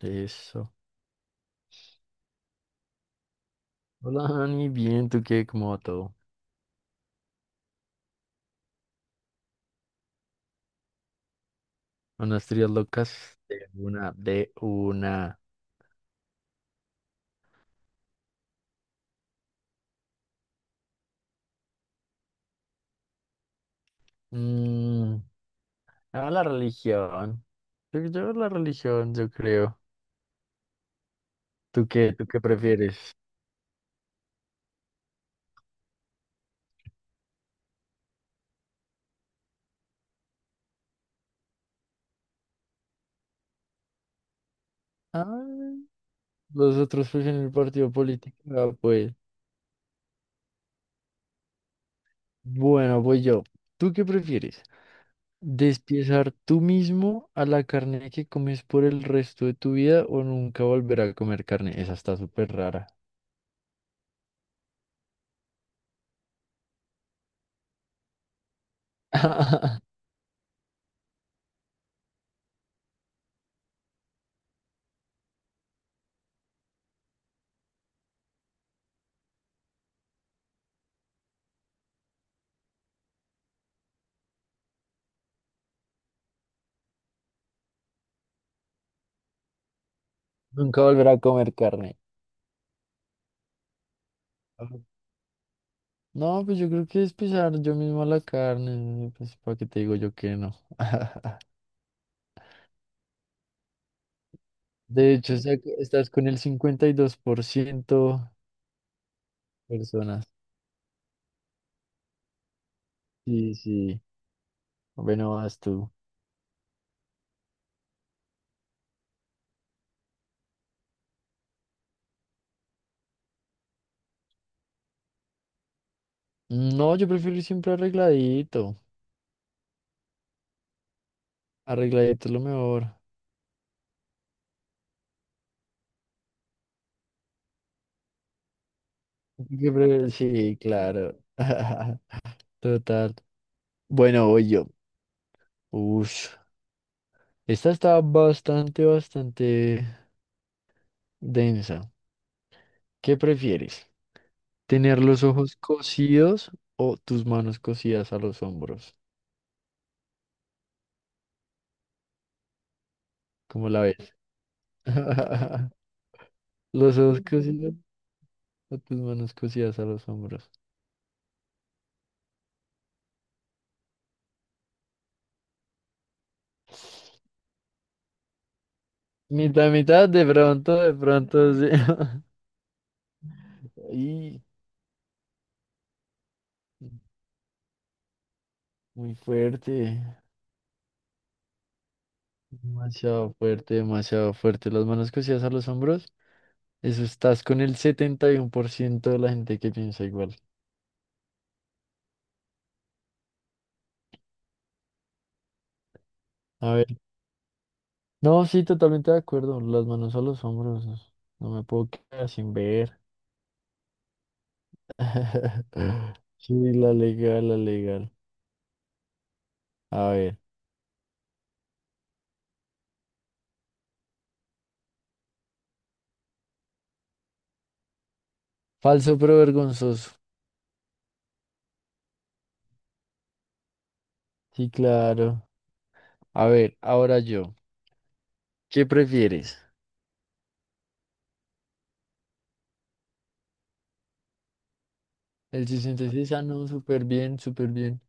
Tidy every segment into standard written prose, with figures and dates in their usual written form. Eso. Hola, Dani, bien, ¿tú qué? ¿Cómo va todo? Unas teorías locas de una, de una. Mm, ah, la religión. Yo la religión, yo creo. ¿Tú qué? ¿Tú qué prefieres? Ah, los otros prefieren el partido político. Ah, pues. Bueno, voy yo. ¿Tú qué prefieres? ¿Despiezar tú mismo a la carne que comes por el resto de tu vida o nunca volver a comer carne? Esa está súper rara. Nunca volver a comer carne. No, pues yo creo que es pisar yo mismo la carne, pues para qué te digo yo que no. De hecho, estás con el 52% personas. Sí, sí. Bueno, vas tú. No, yo prefiero ir siempre arregladito. Arregladito es lo mejor. Sí, claro. Total. Bueno, voy yo. Ush. Esta está bastante, bastante densa. ¿Qué prefieres? Tener los ojos cosidos o tus manos cosidas a los hombros. ¿Cómo la ves? Los ojos cosidos o tus manos cosidas a los hombros. Mitad, mitad, de pronto, sí. Ay, muy fuerte. Demasiado fuerte, demasiado fuerte. Las manos cosidas a los hombros. Eso estás con el 71% de la gente que piensa igual. A ver. No, sí, totalmente de acuerdo. Las manos a los hombros. No me puedo quedar sin ver. Sí, la legal, la legal. A ver, falso pero vergonzoso. Sí, claro. A ver, ahora yo. ¿Qué prefieres? El 66, ah, no, súper bien, súper bien.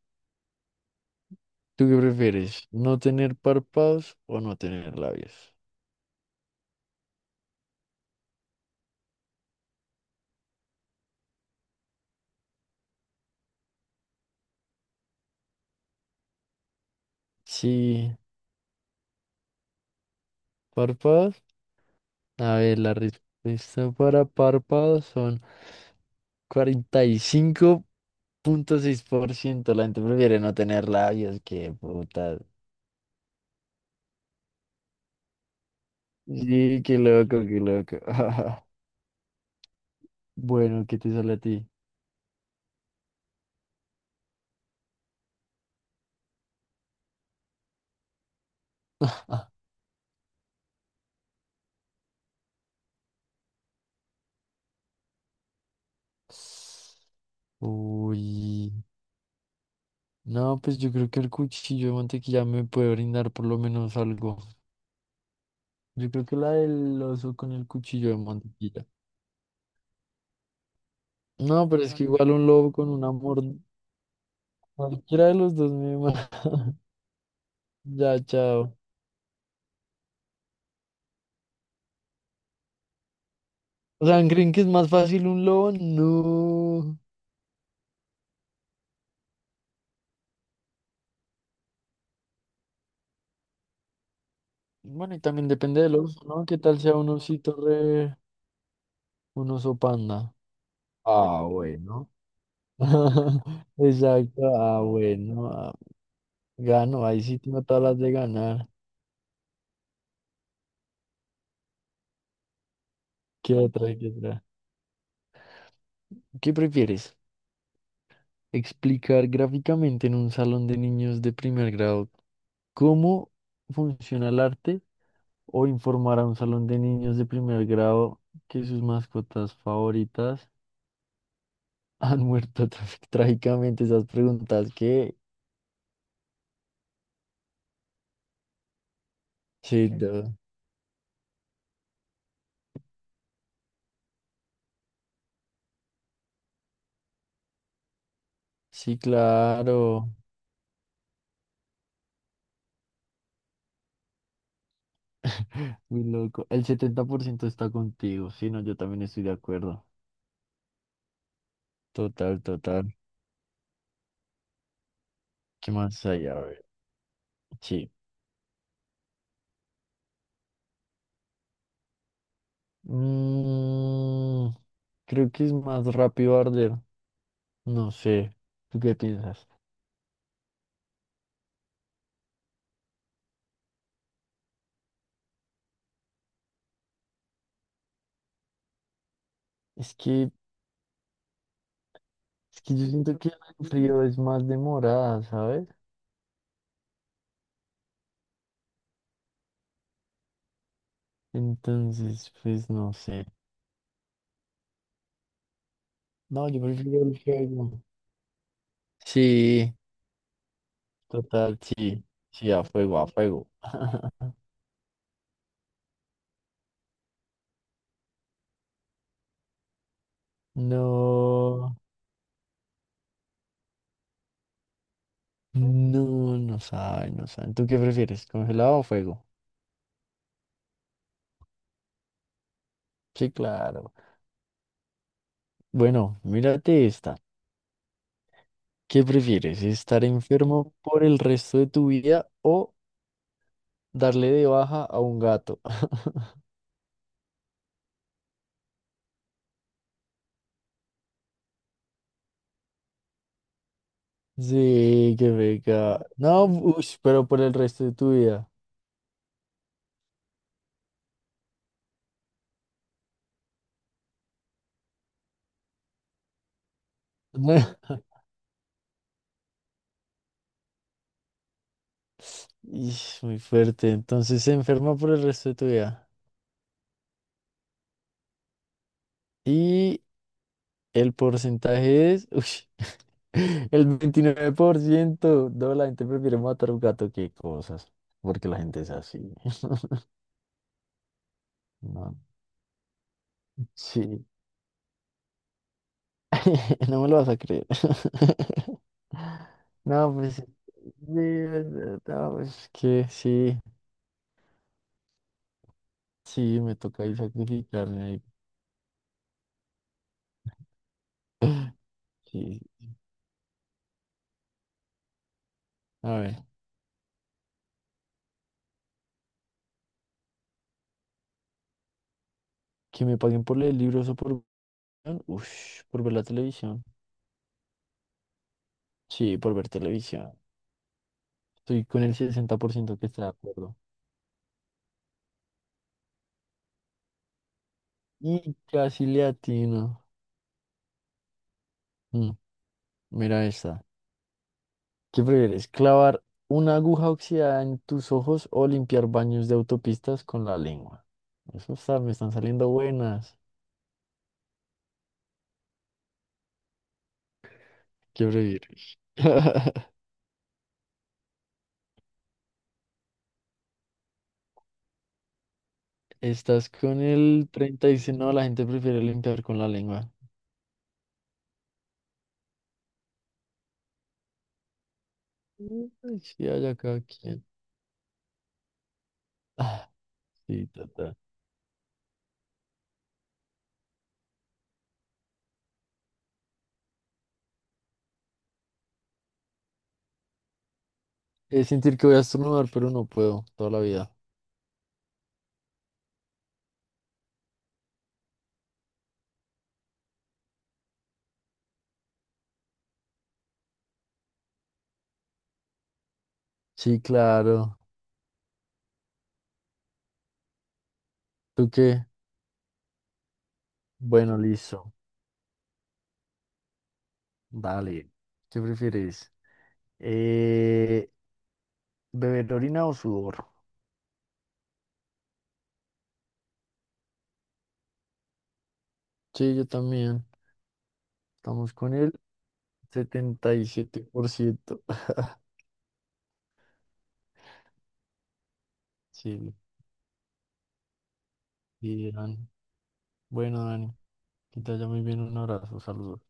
¿Tú qué prefieres? ¿No tener párpados o no tener labios? Sí, párpados. A ver, la respuesta para párpados son 45.6%. La gente prefiere no tener labios, qué puta. Sí, qué loco, qué loco. Bueno, ¿qué te sale a ti? Uy. No, pues yo creo que el cuchillo de mantequilla me puede brindar por lo menos algo. Yo creo que la del oso con el cuchillo de mantequilla. No, pero es que igual un lobo con un amor. Cualquiera de los dos. Ya, chao. O sea, ¿creen que es más fácil un lobo? No. Bueno, y también depende del oso, ¿no? ¿Qué tal sea un osito re... un oso panda? Ah, bueno. Exacto, ah, bueno. Gano, ahí sí tengo todas las de ganar. ¿Qué otra? ¿Qué otra? ¿Qué prefieres? ¿Explicar gráficamente en un salón de niños de primer grado cómo funciona el arte o informar a un salón de niños de primer grado que sus mascotas favoritas han muerto tra- trágicamente? Esas preguntas que... Sí, da- sí, claro. Muy loco. El 70% está contigo. Sí, no, yo también estoy de acuerdo. Total, total. ¿Qué más hay? A ver. Sí. Mm, Creo que es más rápido arder. No sé. ¿Tú qué piensas? Es que, es que yo siento que el frío es más demorada, ¿sabes? Entonces, pues no sé. No, yo prefiero el fuego. Sí, total, sí. Sí, a fuego, a fuego. No, no, no saben, no saben. ¿Tú qué prefieres? ¿Congelado o fuego? Sí, claro. Bueno, mírate esta. ¿Qué prefieres? ¿Estar enfermo por el resto de tu vida o darle de baja a un gato? Sí, qué beca. No, ush, pero por el resto de tu vida. Ish, muy fuerte. Entonces se enferma por el resto de tu vida. Y el porcentaje es, ush, el 29%. No, la gente prefiere matar a un gato que cosas. Porque la gente es así. No. Sí. No me lo vas a creer. No, pues, sí, no, pues es que sí, sí, me toca ahí sacrificarme ahí. Sí, a ver, que me paguen por leer libros o por, ush, por ver la televisión. Sí, por ver televisión. Estoy con el 60% que está de acuerdo. Y casi le atino. Mm, Mira esta. ¿Qué prefieres? ¿Clavar una aguja oxidada en tus ojos o limpiar baños de autopistas con la lengua? Eso está, me están saliendo buenas. ¿Qué prefieres? Estás con el 36. No, la gente prefiere limpiar con la lengua. Ay, sí, allá acá quien. Ah, sí, tata. Es sentir que voy a estornudar, pero no puedo toda la vida. Sí, claro. ¿Tú qué? Bueno, listo. Dale. ¿Qué prefieres? Eh, ¿Beber orina o sudor? Sí, yo también. Estamos con el 77%. Sí, y Dani. Bueno, Dani, que te vaya muy bien. Un abrazo, saludos.